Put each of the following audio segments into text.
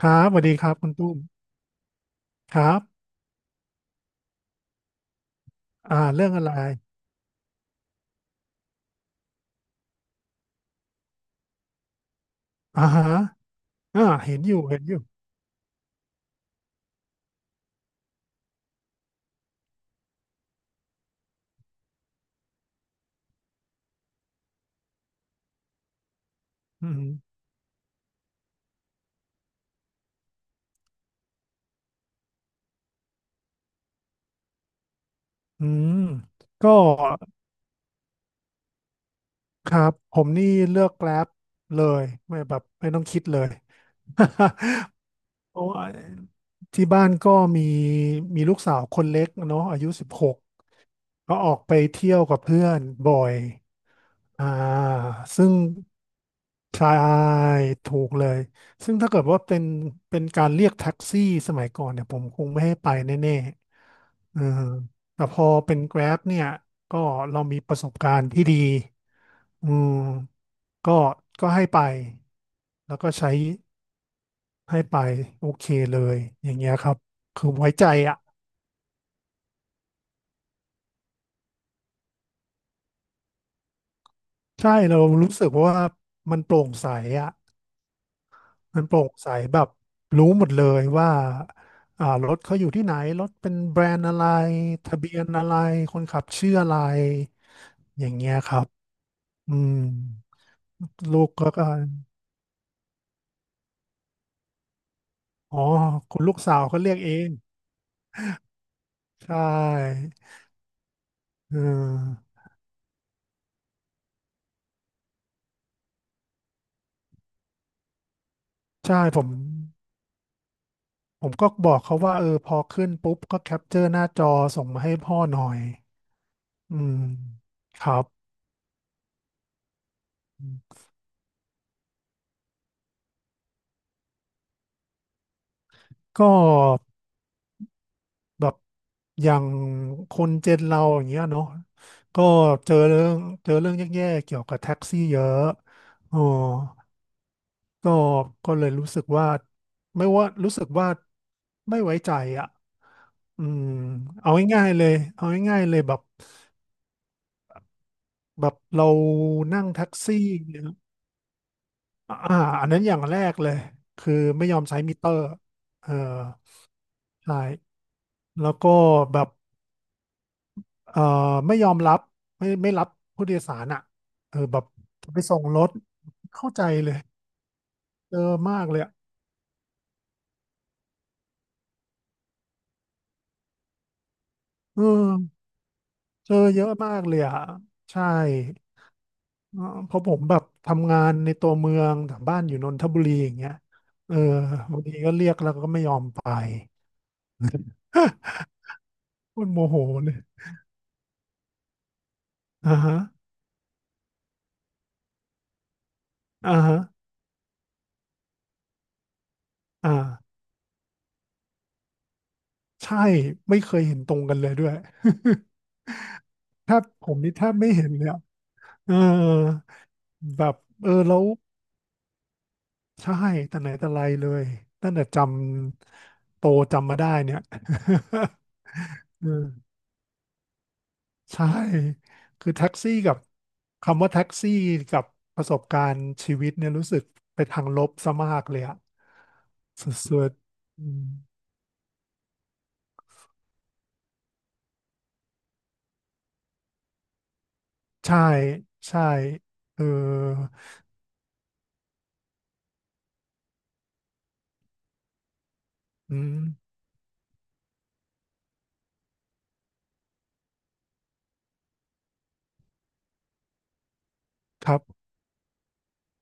ครับสวัสดีครับคุณตุ้มครับเรื่องอะไรอ่าฮะเห็นอยู่เห็นอยู่อืมอืมก็ครับผมนี่เลือกแกร็บเลยไม่แบบไม่ต้องคิดเลย เพราะว่าที่บ้านก็มีมีลูกสาวคนเล็กเนาะอายุ16ก็ออกไปเที่ยวกับเพื่อนบ่อย อ่าซึ่งใช่ถูกเลย ซึ่งถ้าเกิดว่าเป็นการเรียกแท็กซี่สมัยก่อนเนี่ยผมคงไม่ให้ไปแน่ๆเออแต่พอเป็น Grab เนี่ย ก็เรามีประสบการณ์ที่ดีอืมก็ก็ให้ไป แล้วก็ใช้ให้ไปโอเคเลย อย่างเงี้ยครับ คือไว้ใจอ่ะใช่เรารู้สึกว่ามันโปร่งใสอ่ะ มันโปร่งใสแบบรู้หมดเลยว่ารถเขาอยู่ที่ไหนรถเป็นแบรนด์อะไรทะเบียนอะไรคนขับชื่ออะไรอย่างเงี้ยครับอืมลูกก็อ๋อคุณลูกสาวเขาเรียกเองใช่เออใช่ผมก็บอกเขาว่าเออพอขึ้นปุ๊บก็แคปเจอร์หน้าจอส่งมาให้พ่อหน่อยอืมครับก็ แบบอย่างคนเจนเราอย่างเงี้ยเนาะก็เจอเรื่องเจอเรื่องแย่ๆเกี่ยวกับแท็กซี่เยอะอ๋อก็ก็เลยรู้สึกว่าไม่ว่ารู้สึกว่าไม่ไว้ใจอ่ะอืมเอาง่ายๆเลยเอาง่ายๆเลยแบบเรานั่งแท็กซี่เนี่ยอ่าอันนั้นอย่างแรกเลยคือไม่ยอมใช้มิเตอร์เออใช่แล้วก็แบบ เอ่อไม่ยอมรับไม่รับผู้โดยสารอ่ะเออแบบไปส่งรถเข้าใจเลยเจอมากเลยอะเออเจอเยอะมากเลยอ่ะใช่เออเพราะผมแบบทำงานในตัวเมืองแต่บ้านอยู่นนทบุรีอย่างเงี้ยเออบางทีก็เรียกแล้วก็ไม่ยอมไป มันโมโหเลยอ่าฮะอ่าฮะอ่าใช่ไม่เคยเห็นตรงกันเลยด้วย แทบผมนี่แทบไม่เห็นเลยอะเออแบบเออแล้ว ใช่แต่ไหนแต่ไรเลยตั้งแต่จำโตจำมาได้เนี่ย เออ ใช่ คือแท็กซี่กับคำว่าแท็กซี่กับประสบการณ์ชีวิตเนี่ยรู้สึกไปทางลบซะมากเลยอะสุดๆอืมใช่ใช่เอออืมครับ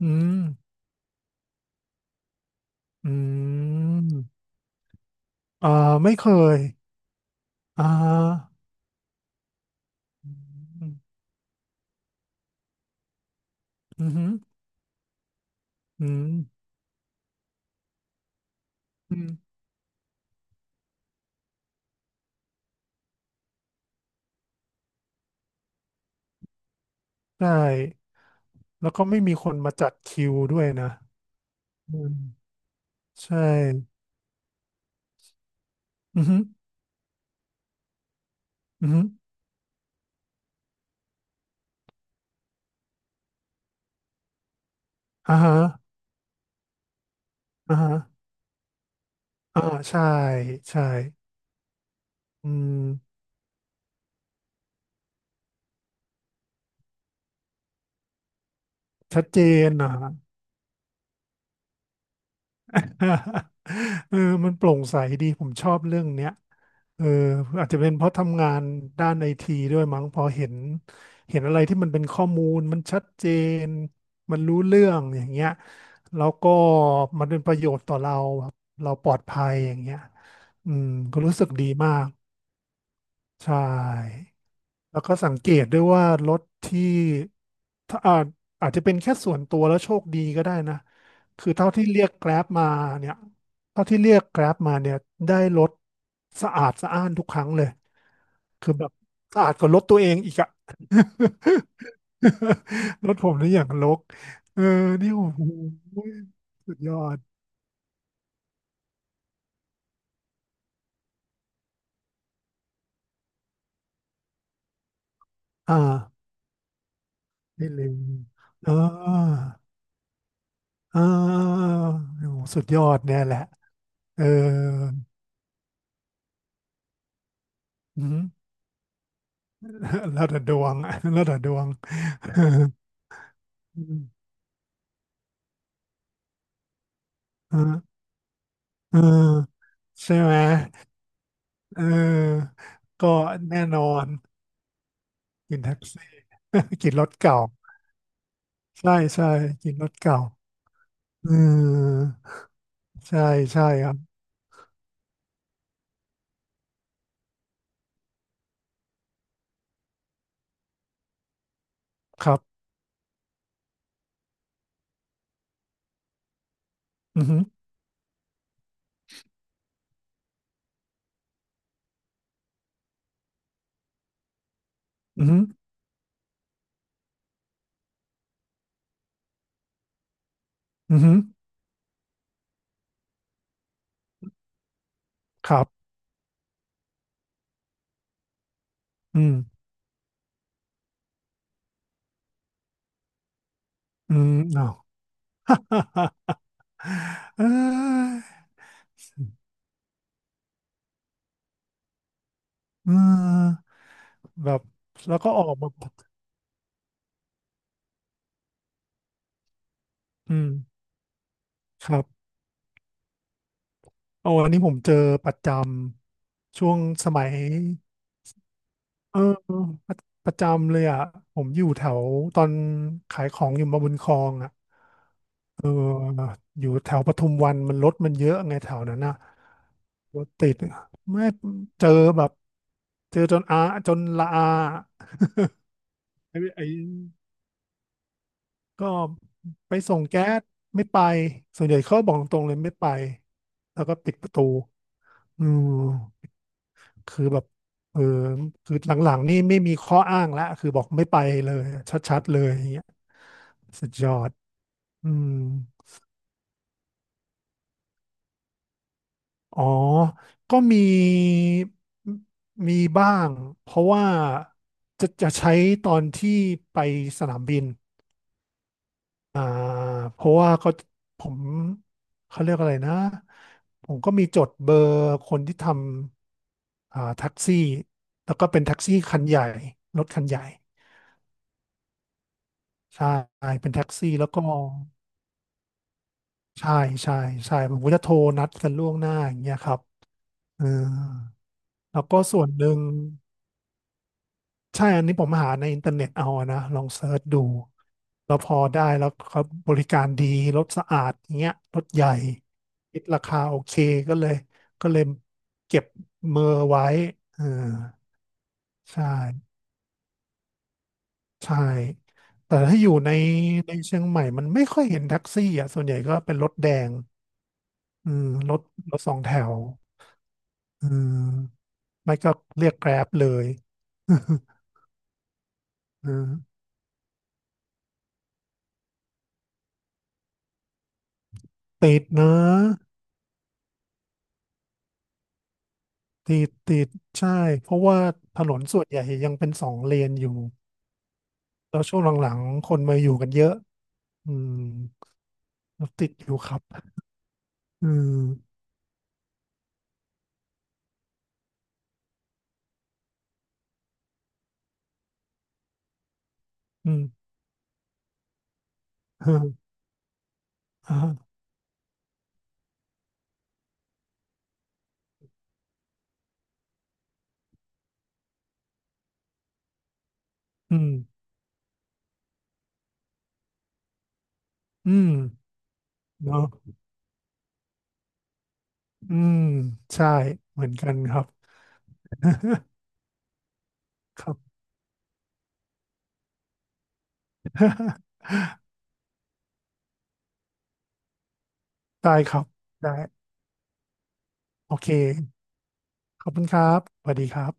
อืมอืมอ่าไม่เคยอ่าอืมอืมอืมอืมใช่ แล้วก็ไม่มีคนมาจัดคิวด้วยนะอืมใช่ อือฮึอือฮึอ่าฮะอ่าฮะอ่าใช่ ใช่ อืมชัดเจนนะฮะ เออมันโปร่งใสดีผมชอบเรื่องเนี้ย เอออาจจะเป็นเพราะทำงานด้านไอทีด้วยมั้งพอเห็นอะไรที่มันเป็นข้อมูลมันชัดเจนมันรู้เรื่องอย่างเงี้ยแล้วก็มันเป็นประโยชน์ต่อเราแบบเราปลอดภัยอย่างเงี้ยอืมก็รู้สึกดีมากใช่ แล้วก็สังเกตด้วยว่ารถที่ถ้าอาจจะเป็นแค่ส่วนตัวแล้วโชคดีก็ได้นะ คือเท่าที่เรียกแกร็บมาเนี่ยเท่าที่เรียกแกร็บมาเนี่ยได้รถสะอาดสะอ้านทุกครั้งเลยคือแบบสะอาดกว่ารถตัวเองอีกอะ รถผมนี่อย่างรกเออนี่โอ้โหสุดยอดอ่าไม่เลือ่าอ่าโอ้โหสุดยอดเนี่ยแหละเอออืม แล้วแต่ดวง แล้วแต่ดวง เออเออใช่ไหมเออก็แน่นอนกินแท็กซี่ กินรถเก่าใช่ใช่กินรถเก่าเออใช่ใช่ครับครับอือหืออือหืออือหือครับอืมอืมเอา เอ้ยอืมแบบแล้วก็ออกมาอืมครับ โอ้อันนี้ผมเจอประจำช่วงสมัยเออประประจำเลยอ่ะผมอยู่แถวตอนขายของอยู่มาบุญครองอ่ะเอออยู่แถวปทุมวันมันรถมันเยอะไงแถวนั้นนะรถติดไม่เจอแบบเจอจนอาจนละอาไอ้ก็ไปส่งแก๊สไม่ไปส่วนใหญ่เขาบอกตรงๆเลยไม่ไปแล้วก็ปิดประตูอืม คือแบบเออคือหลังๆนี่ไม่มีข้ออ้างแล้วคือบอกไม่ไปเลยชัดๆเลยอย่างเงี้ยสุดยอดอืมอ๋อ ก็มีมีบ้างเพราะว่าจะใช้ตอนที่ไปสนามบินอ่าเพราะว่าก็ผมเขาเรียกอะไรนะผมก็มีจดเบอร์คนที่ทำแท็กซี่แล้วก็เป็นแท็กซี่คันใหญ่รถคันใหญ่ ใช่เป็นแท็กซี่แล้วก็ใช่ใช่ใช่ผมก็จะโทรนัดกันล่วงหน้าอย่างเงี้ยครับเออแล้วก็ส่วนหนึ่งใช่อันนี้ผมหาในอินเทอร์เน็ตเอาอะนะลองเซิร์ชดูแล้วพอได้แล้วเขาบริการดีรถสะอาดอย่างเงี้ยรถใหญ่คิดราคาโอเคก็เลยก็เลยเก็บเมอร์ไว้เออใช่ใช่แต่ถ้าอยู่ในเชียงใหม่มันไม่ค่อยเห็นแท็กซี่อ่ะส่วนใหญ่ก็เป็นรถแดง อืมรถสองแถวอืมไม่ก็เรียกแกร็บเลย อืมติดนะติดติดใช่เพราะว่าถนนส่วนใหญ่ยังเป็นสองเลนอยู่แล้วช่วงหลังๆคนมาอยู่กันเยอะอืมรถติดอยู่ครับอืมอืม อืมอ่าอืมอืมเนาะอืมใช่เหมือนกันครับ ครับ ได้ครับได้โอเคขอบคุณครับสวัสดีครับ